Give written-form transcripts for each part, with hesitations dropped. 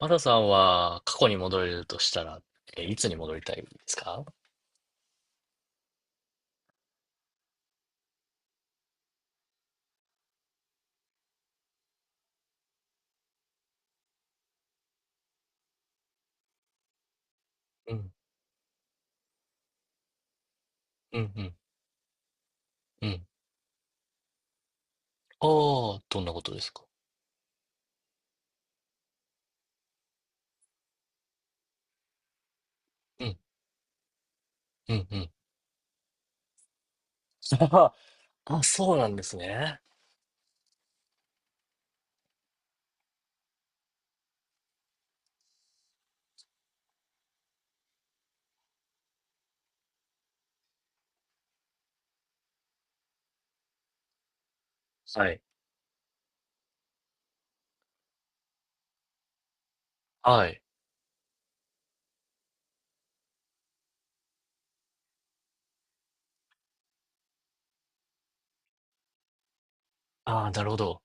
マサさんは過去に戻れるとしたら、いつに戻りたいですか？うん、うん、うん、うん。ああ、どんなことですか？うん、うん、うん。あ、そうなんですね。はい。はい。ああ、なるほど。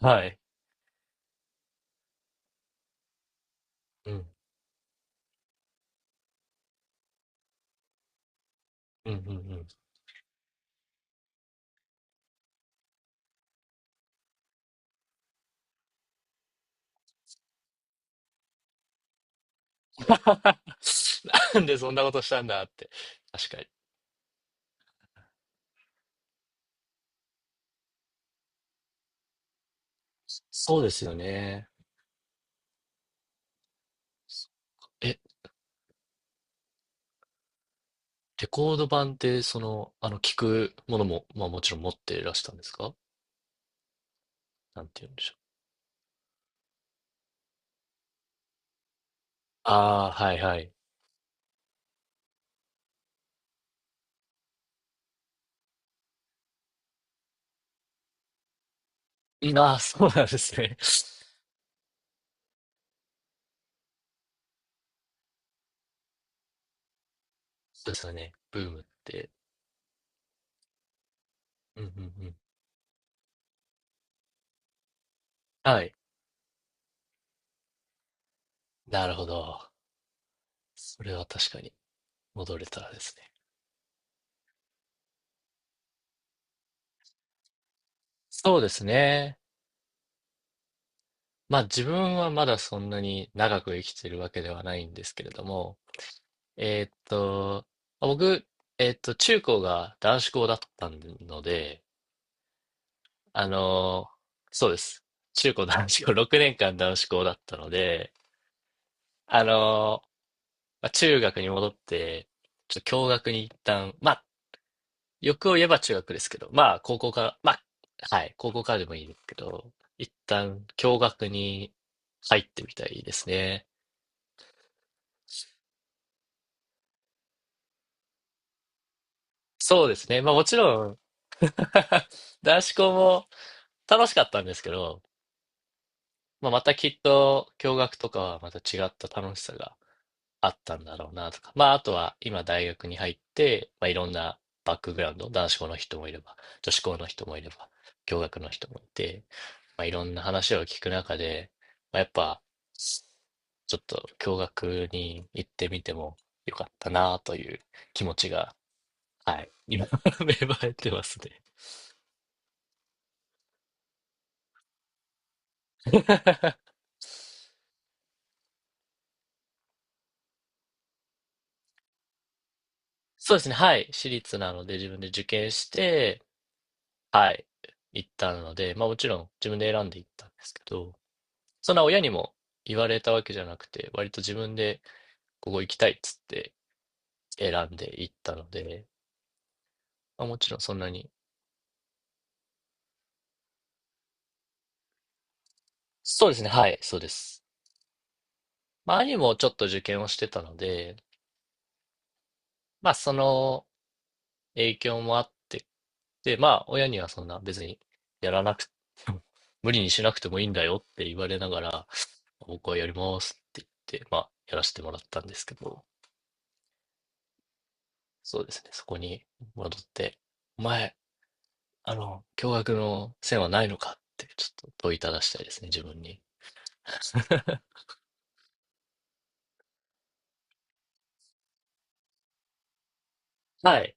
はい。うん、うん、うん、うん。なんでそんなことしたんだって。確かに。そうですよね。え、レコード盤って、その、あの、聞くものも、まあもちろん持っていらしたんですか？なんて言うんでしょう？ああ、はい、はい。いいなあ、そうなんですね。そうですよね。ブームって。うんうんうん。はい。なるほど。それは確かに戻れたらですね。そうですね。まあ自分はまだそんなに長く生きてるわけではないんですけれども、えーっと、まあ僕、中高が男子校だったので、あのーそうです。中高男子校、6年間男子校だったので、あのーまあ中学に戻って、ちょっと共学に一旦、まあ欲を言えば中学ですけど、まあ、高校から、まあ、はい、高校からでもいいですけど、一旦、共学に入ってみたいですね。そうですね。まあもちろん 男子校も楽しかったんですけど、まあまたきっと、共学とかはまた違った楽しさがあったんだろうなとか。まあ、あとは今大学に入って、まあ、いろんなバックグラウンド、男子校の人もいれば、女子校の人もいれば、共学の人もいて、まあ、いろんな話を聞く中で、まあ、やっぱ、ちょっと共学に行ってみてもよかったなという気持ちが、はい、今 芽生えてますね。そうですね、はい、私立なので自分で受験して、はい、行ったので、まあもちろん自分で選んで行ったんですけど、そんな親にも言われたわけじゃなくて、割と自分でここ行きたいっつって選んで行ったので、まあ、もちろんそんなに。そうですね、はい、そうです。まあ、兄もちょっと受験をしてたので、まあ、その影響もあって、で、まあ、親にはそんな別にやらなく、無理にしなくてもいいんだよって言われながら、僕はやりますって言って、まあ、やらせてもらったんですけど、そうですね、そこに戻って、お前、驚愕の線はないのかってちょっと問いただしたいですね、自分に。はい。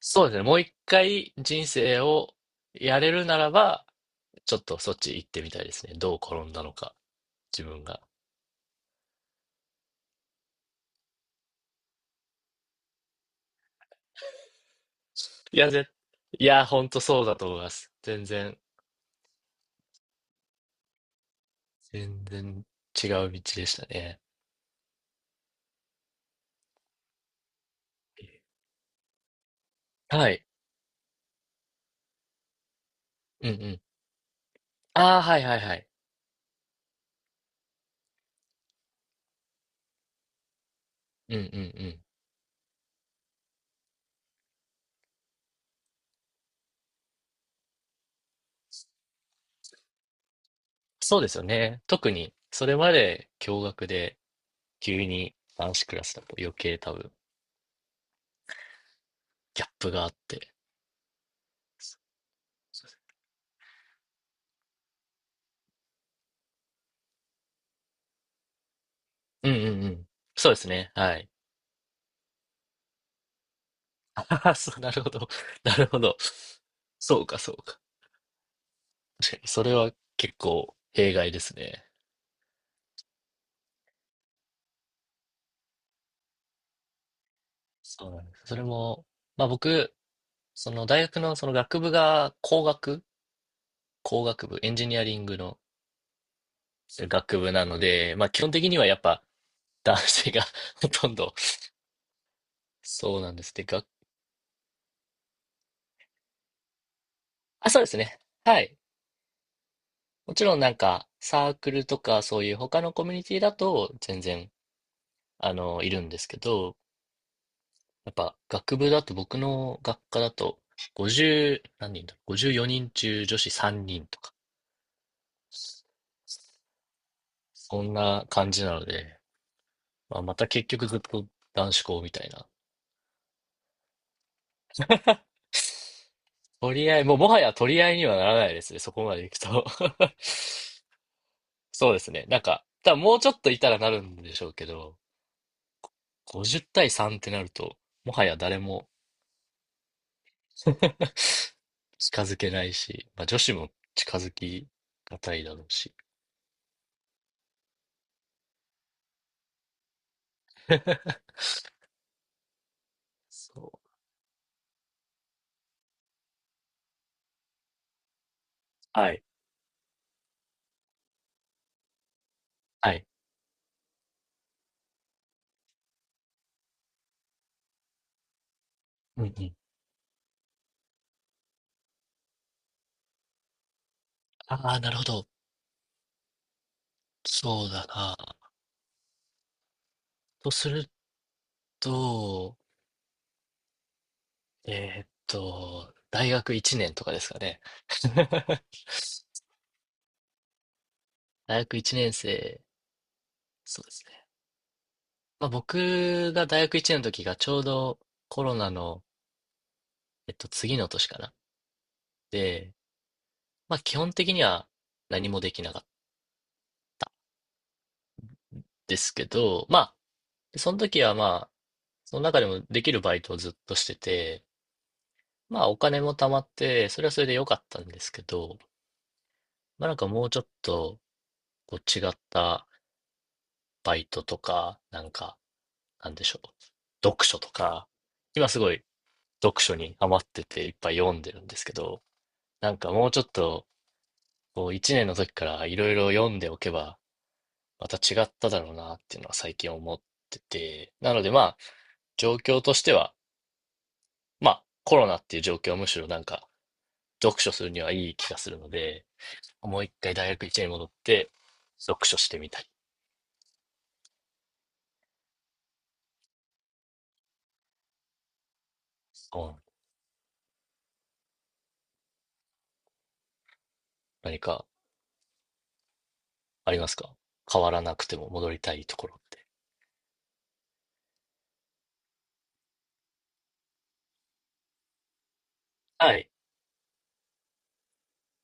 そうですね。もう一回人生をやれるならば、ちょっとそっち行ってみたいですね。どう転んだのか、自分が。いや、ぜ、いや、ほんとそうだと思います。全然違う道でしたね。はい。うんうん。ああ、はいはいはい。うんうんうん。そうですよね。特に、それまで驚愕で、急に男子クラスだと余計多分ギャップがあって。うんうんうん。そうですね。はい。あははそう、なるほど。なるほど。そうか、そうか。確かに、それは結構弊害ですね。そうなんです。それも、まあ僕、その大学のその学部が工学部、エンジニアリングの学部なので、まあ基本的にはやっぱ男性が ほとんどそうなんですね。が、あ、そうですね。はい。もちろんなんかサークルとかそういう他のコミュニティだと全然いるんですけど、やっぱ学部だと僕の学科だと50、何人だろう、54人中女子3人とか、そんな感じなので、まあ、また結局ずっと男子校みたいな。取り合い、もうもはや取り合いにはならないですね、そこまで行くと。そうですね。なんか、多分もうちょっといたらなるんでしょうけど、50対3ってなると、もはや誰も 近づけないし、まあ女子も近づきがたいだろうし。そう。はい。はい。うんうん。ああ、なるほど。そうだな。とすると、大学1年とかですかね。大学1年生、そうですね。まあ僕が大学1年の時がちょうどコロナの、次の年かな。で、まあ基本的には何もできなかったですけど、まあ、その時はまあ、その中でもできるバイトをずっとしてて、まあお金も貯まって、それはそれで良かったんですけど、まあ、なんかもうちょっと、こう違ったバイトとか、なんか、なんでしょう。読書とか、今すごい読書にハマってていっぱい読んでるんですけど、なんかもうちょっと、こう一年の時からいろいろ読んでおけば、また違っただろうなっていうのは最近思ってて、なのでまあ、状況としては、まあ、コロナっていう状況はむしろなんか、読書するにはいい気がするので、もう一回大学1年に戻って、読書してみたり、うん、何かありますか、変わらなくても戻りたいところって？はい。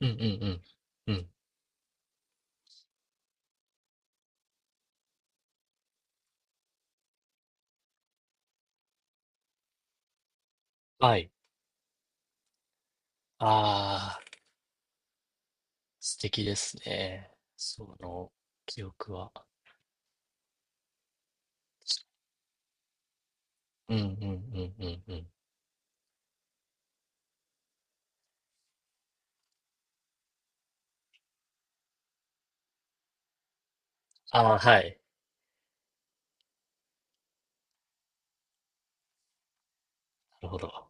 うんうんうん。うん。はい。ああ、素敵ですね。その記憶は。うんうんうんうんうん。ああ、はい。なるほど。